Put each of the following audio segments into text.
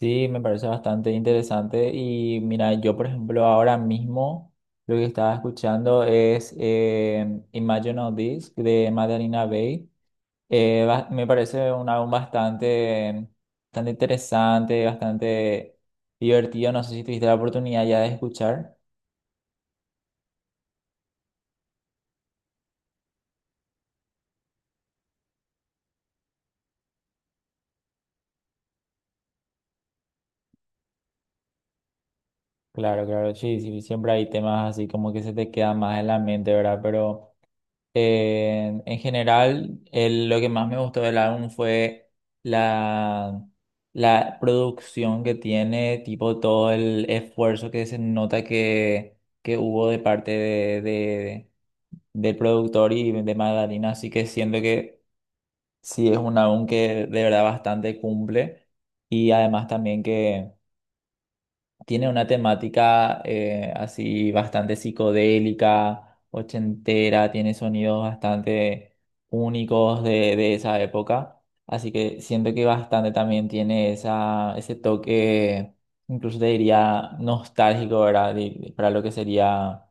Sí, me parece bastante interesante. Y mira, yo por ejemplo ahora mismo lo que estaba escuchando es Imagine All This de Madalina Bay. Me parece un álbum bastante interesante, bastante divertido. No sé si tuviste la oportunidad ya de escuchar. Claro, claro, sí, sí, siempre hay temas así como que se te quedan más en la mente, ¿verdad? Pero... En general, el- lo que más me gustó del álbum fue la, la producción que tiene, tipo todo el esfuerzo que se nota que hubo de parte del productor y de Magdalena. Así que siento que sí es un álbum que de verdad bastante cumple y además también que tiene una temática así bastante psicodélica, ochentera, tiene sonidos bastante únicos de esa época. Así que siento que bastante también tiene ese toque, incluso te diría nostálgico, ¿verdad? Para lo que sería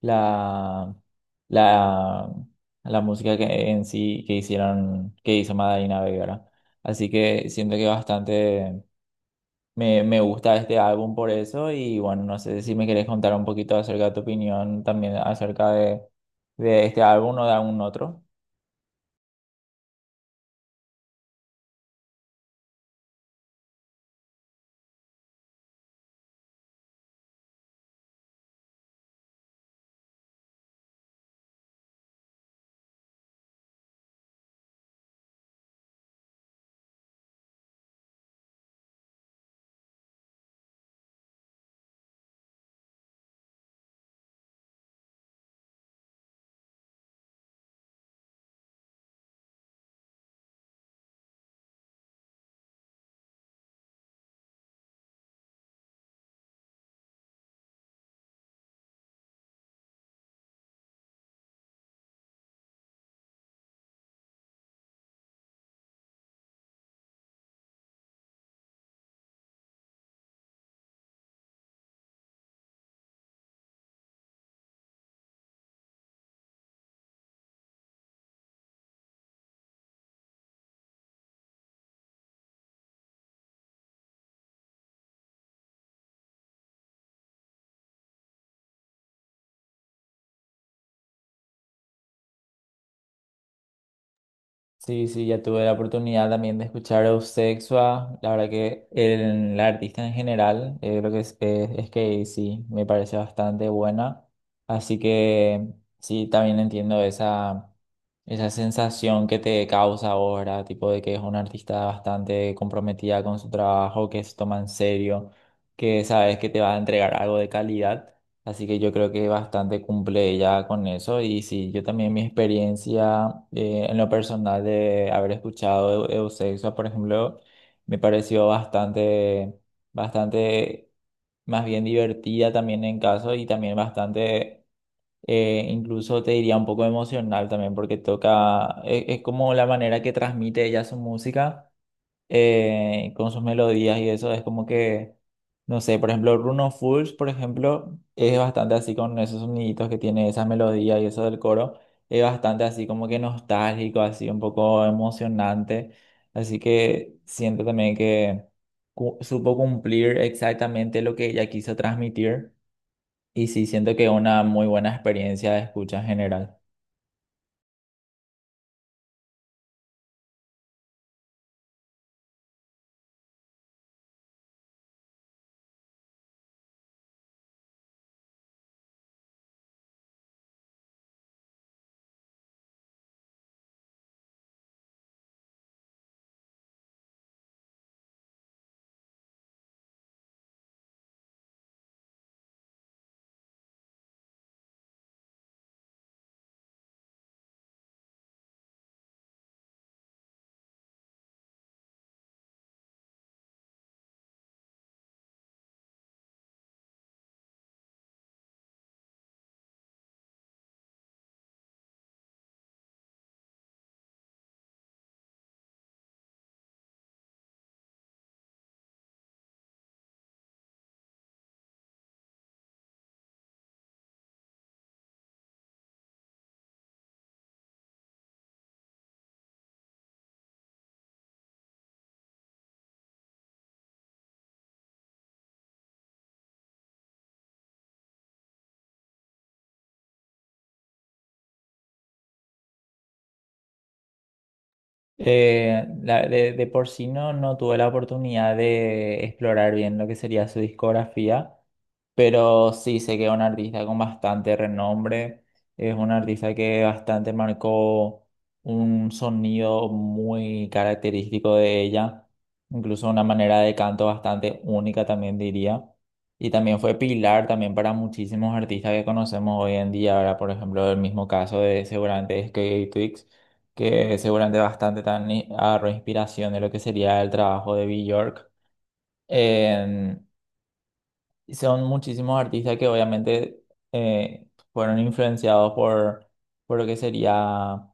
la, la, la música en sí que que hizo Madalina Bay, ¿verdad? Así que siento que bastante. Me gusta este álbum por eso y bueno, no sé si me querés contar un poquito acerca de tu opinión también acerca de este álbum o de algún otro. Sí, sí, ya tuve la oportunidad también de escuchar a Eusexia. La verdad que la artista en general, lo que es que sí, me parece bastante buena. Así que sí, también entiendo esa sensación que te causa ahora, tipo de que es una artista bastante comprometida con su trabajo, que se toma en serio, que sabes que te va a entregar algo de calidad. Así que yo creo que bastante cumple ya con eso. Y sí, yo también mi experiencia en lo personal de haber escuchado Eusexia, por ejemplo, me pareció bastante más bien divertida también en caso y también incluso te diría un poco emocional también porque toca, es como la manera que transmite ella su música con sus melodías y eso es como que, no sé, por ejemplo, Bruno Fools, por ejemplo, es bastante así con esos soniditos que tiene esa melodía y eso del coro, es bastante así como que nostálgico, así un poco emocionante, así que siento también que supo cumplir exactamente lo que ella quiso transmitir y sí siento que una muy buena experiencia de escucha en general. De por sí no, no tuve la oportunidad de explorar bien lo que sería su discografía, pero sí sé que es un artista con bastante renombre, es un artista que bastante marcó un sonido muy característico de ella, incluso una manera de canto bastante única también diría, y también fue pilar también para muchísimos artistas que conocemos hoy en día, ahora por ejemplo el mismo caso de seguramente Skate que seguramente bastante también agarró inspiración de lo que sería el trabajo de Björk. Eh, son muchísimos artistas que obviamente eh, fueron influenciados por lo que sería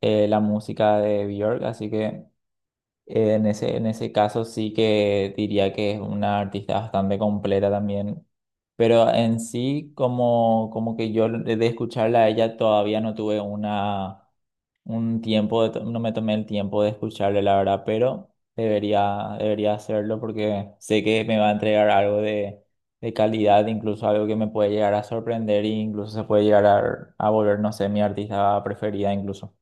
la música de Björk, así que en ese caso sí que diría que es una artista bastante completa también. Pero en sí, como, como que yo de escucharla a ella todavía no tuve una un tiempo, de no me tomé el tiempo de escucharle, la verdad, pero debería, debería hacerlo porque sé que me va a entregar algo de calidad, incluso algo que me puede llegar a sorprender e incluso se puede llegar a volver, no sé, mi artista preferida incluso.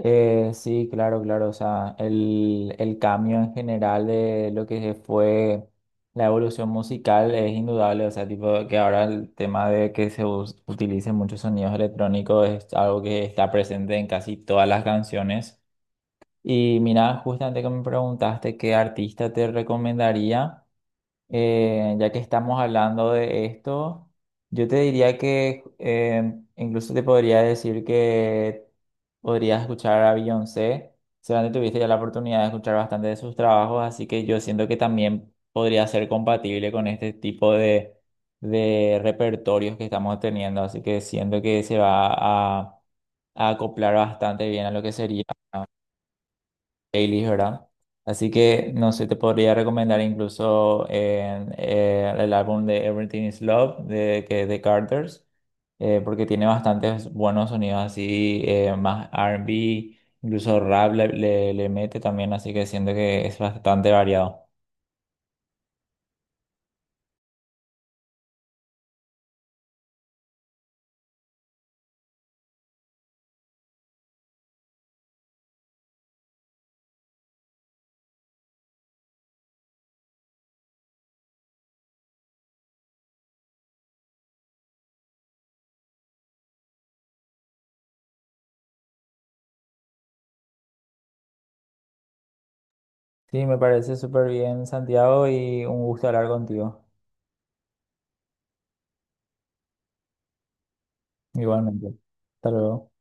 Sí, claro, claro. O sea, el cambio en general de lo que fue la evolución musical es indudable. O sea, tipo que ahora el tema de que se utilicen muchos sonidos electrónicos es algo que está presente en casi todas las canciones. Y mira, justamente que me preguntaste qué artista te recomendaría. Ya que estamos hablando de esto, yo te diría que incluso te podría decir que podrías escuchar a Beyoncé. Seguramente tuviste ya la oportunidad de escuchar bastante de sus trabajos, así que yo siento que también podría ser compatible con este tipo de repertorios que estamos teniendo. Así que siento que se va a acoplar bastante bien a lo que sería playlists, ¿verdad? Así que no sé, te podría recomendar incluso en, el álbum de Everything is Love de Carters, porque tiene bastantes buenos sonidos así, más R&B, incluso rap le mete también, así que siento que es bastante variado. Sí, me parece súper bien, Santiago, y un gusto hablar contigo. Igualmente. Hasta luego.